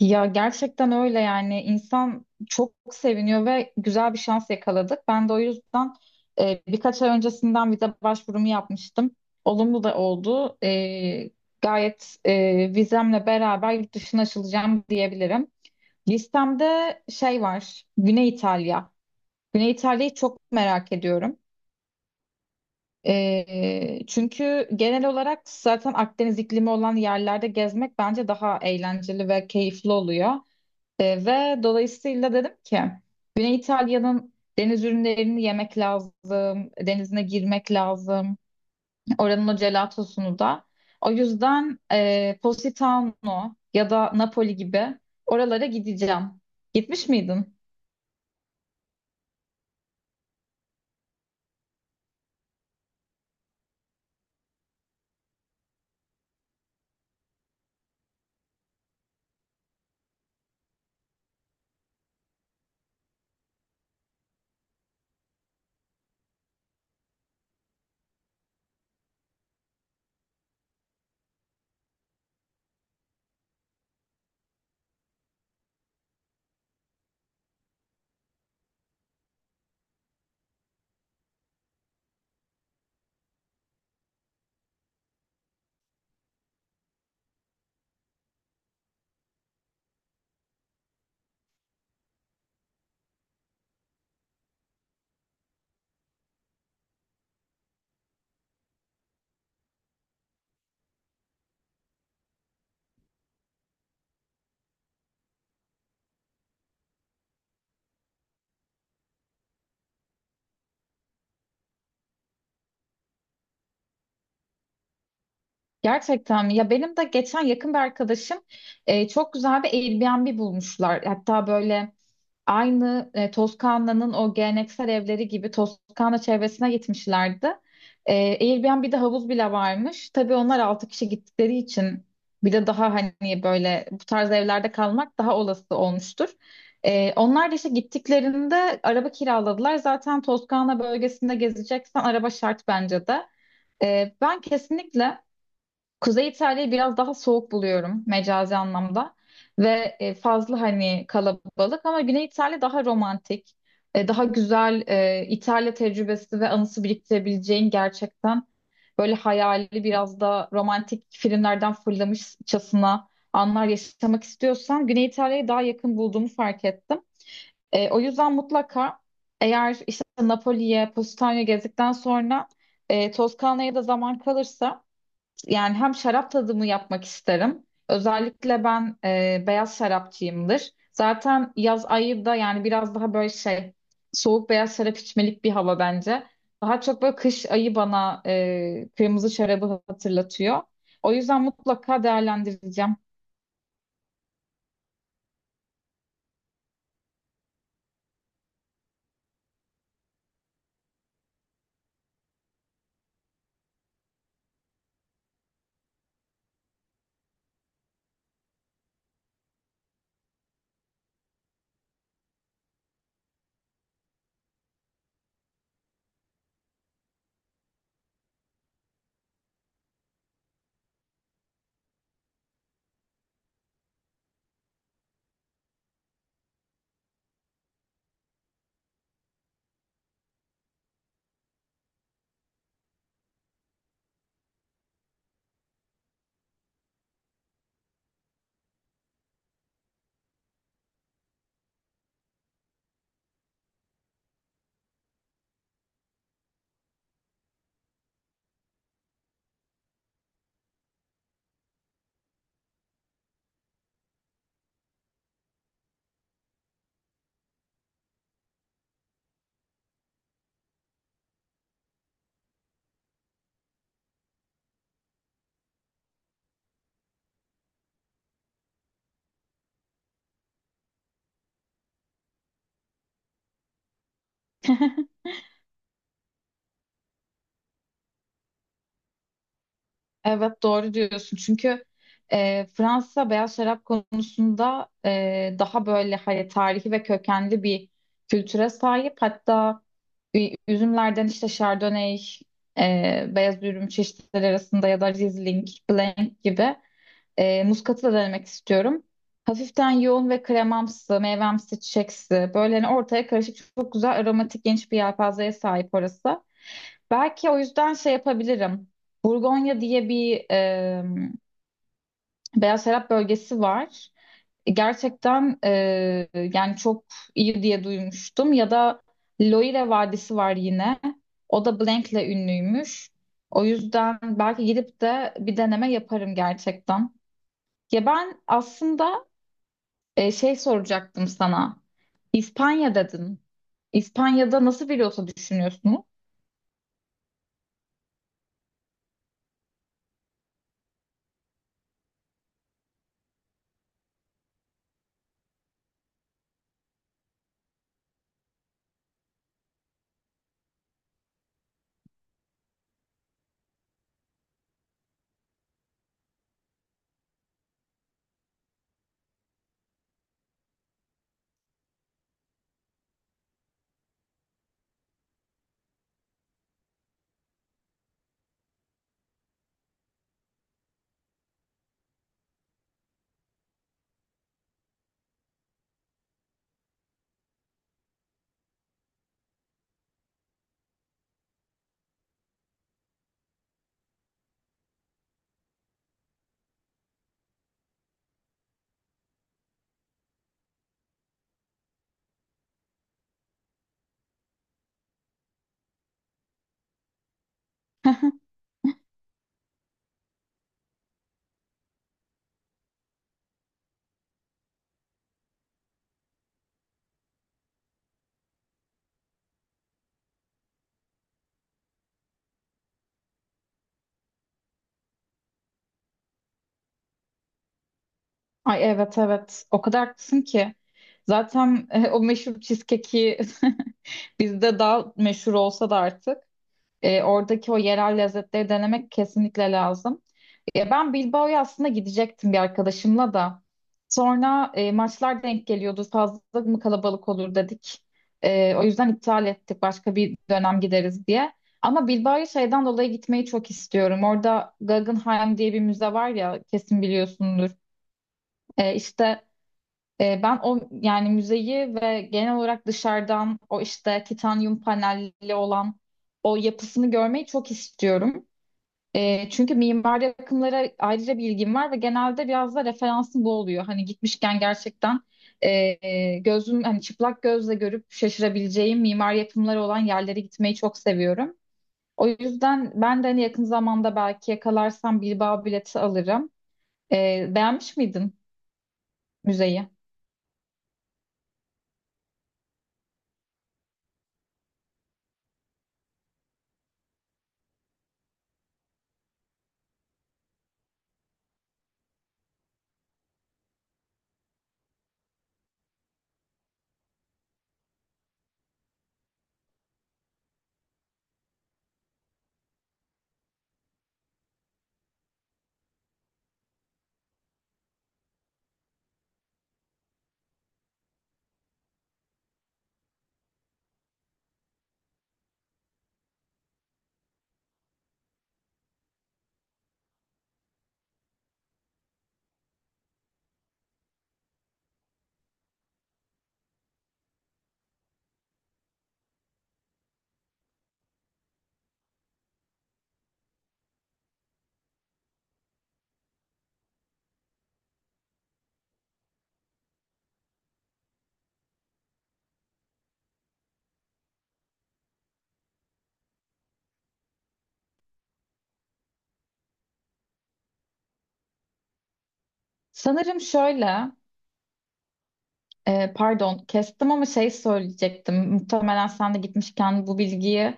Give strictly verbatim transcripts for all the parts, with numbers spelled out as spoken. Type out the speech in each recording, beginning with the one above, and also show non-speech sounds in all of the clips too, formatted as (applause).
Ya gerçekten öyle yani insan çok seviniyor ve güzel bir şans yakaladık. Ben de o yüzden e, birkaç ay öncesinden vize başvurumu yapmıştım. Olumlu da oldu. E, gayet e, vizemle beraber yurt dışına açılacağım diyebilirim. Listemde şey var, Güney İtalya. Güney İtalya'yı çok merak ediyorum. E, çünkü genel olarak zaten Akdeniz iklimi olan yerlerde gezmek bence daha eğlenceli ve keyifli oluyor. E, ve dolayısıyla dedim ki Güney İtalya'nın deniz ürünlerini yemek lazım, denizine girmek lazım. Oranın o gelatosunu da. O yüzden e, Positano ya da Napoli gibi oralara gideceğim. Gitmiş miydin? Gerçekten mi? Ya benim de geçen yakın bir arkadaşım e, çok güzel bir Airbnb bulmuşlar. Hatta böyle aynı e, Toskana'nın o geleneksel evleri gibi Toskana çevresine gitmişlerdi. E, Airbnb'de havuz bile varmış. Tabii onlar altı kişi gittikleri için bir de daha hani böyle bu tarz evlerde kalmak daha olası olmuştur. E, onlar da işte gittiklerinde araba kiraladılar. Zaten Toskana bölgesinde gezeceksen araba şart bence de. E, ben kesinlikle Kuzey İtalya'yı biraz daha soğuk buluyorum mecazi anlamda ve e, fazla hani kalabalık ama Güney İtalya daha romantik, e, daha güzel e, İtalya tecrübesi ve anısı biriktirebileceğin gerçekten böyle hayali biraz da romantik filmlerden fırlamışçasına anlar yaşamak istiyorsan Güney İtalya'ya daha yakın bulduğumu fark ettim. E, o yüzden mutlaka eğer işte Napoli'ye, Positano'ya gezdikten sonra e, Toskana'ya da zaman kalırsa yani hem şarap tadımı yapmak isterim. Özellikle ben e, beyaz şarapçıyımdır. Zaten yaz ayı da yani biraz daha böyle şey soğuk beyaz şarap içmelik bir hava bence. Daha çok böyle kış ayı bana e, kırmızı şarabı hatırlatıyor. O yüzden mutlaka değerlendireceğim. (laughs) Evet doğru diyorsun çünkü e, Fransa beyaz şarap konusunda e, daha böyle hani tarihi ve kökenli bir kültüre sahip. Hatta ü- üzümlerden işte Chardonnay, e, beyaz ürün çeşitleri arasında ya da Riesling, Blanc gibi e, muskatı da denemek istiyorum. Hafiften yoğun ve kremamsı, meyvemsi, çiçeksi. Böyle hani ortaya karışık çok güzel aromatik geniş bir yelpazeye sahip orası. Belki o yüzden şey yapabilirim. Burgonya diye bir e, beyaz şarap bölgesi var. Gerçekten e, yani çok iyi diye duymuştum. Ya da Loire Vadisi var yine. O da Blank'le ünlüymüş. O yüzden belki gidip de bir deneme yaparım gerçekten. Ya ben aslında e, şey soracaktım sana. İspanya dedin. İspanya'da nasıl bir yota düşünüyorsunuz? (laughs) Ay, evet, evet, o kadar haklısın ki. Zaten e, o meşhur cheesecake'i (laughs) bizde daha meşhur olsa da artık e, oradaki o yerel lezzetleri denemek kesinlikle lazım. Ya ben Bilbao'ya aslında gidecektim bir arkadaşımla da. Sonra e, maçlar denk geliyordu. Fazla mı kalabalık olur dedik. E, o yüzden iptal ettik. Başka bir dönem gideriz diye. Ama Bilbao'ya şeyden dolayı gitmeyi çok istiyorum. Orada Guggenheim diye bir müze var ya kesin biliyorsundur. E, işte e, ben o yani müzeyi ve genel olarak dışarıdan o işte titanyum panelli olan o yapısını görmeyi çok istiyorum. E, çünkü mimari akımlara ayrıca bilgim var ve genelde biraz da referansım bu oluyor. Hani gitmişken gerçekten e, gözüm hani çıplak gözle görüp şaşırabileceğim mimari yapımları olan yerlere gitmeyi çok seviyorum. O yüzden ben de hani yakın zamanda belki yakalarsam Bilbao bileti alırım. E, beğenmiş miydin müzeyi? Sanırım şöyle. Ee, pardon, kestim ama şey söyleyecektim. Muhtemelen sen de gitmişken bu bilgiyi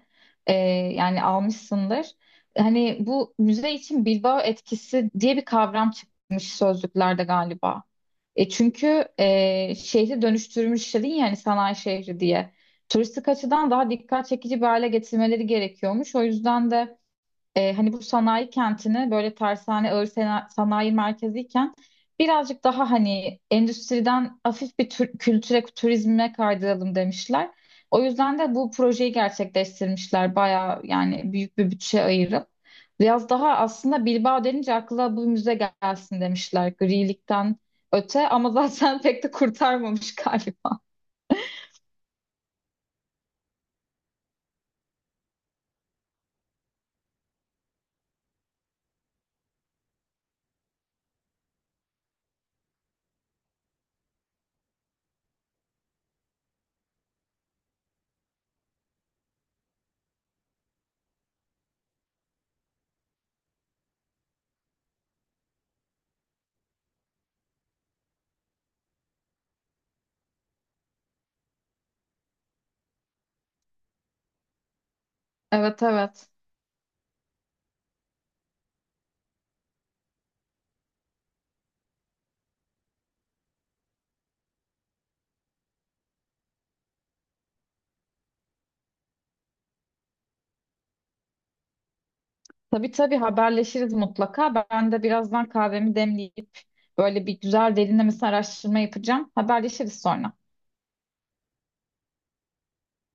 e, yani almışsındır. Hani bu müze için Bilbao etkisi diye bir kavram çıkmış sözlüklerde galiba. E çünkü e, şehri dönüştürmüş dedin yani sanayi şehri diye. Turistik açıdan daha dikkat çekici bir hale getirmeleri gerekiyormuş. O yüzden de e, hani bu sanayi kentini böyle tersane ağır sena- sanayi merkeziyken birazcık daha hani endüstriden hafif bir tür- kültüre, turizme kaydıralım demişler. O yüzden de bu projeyi gerçekleştirmişler. Bayağı yani büyük bir bütçe ayırıp. Biraz daha aslında Bilbao denince akla bu müze gelsin demişler grilikten öte ama zaten (laughs) pek de kurtarmamış galiba. Evet, evet. Tabii, tabii, haberleşiriz mutlaka. Ben de birazdan kahvemi demleyip böyle bir güzel derinlemesine araştırma yapacağım. Haberleşiriz sonra.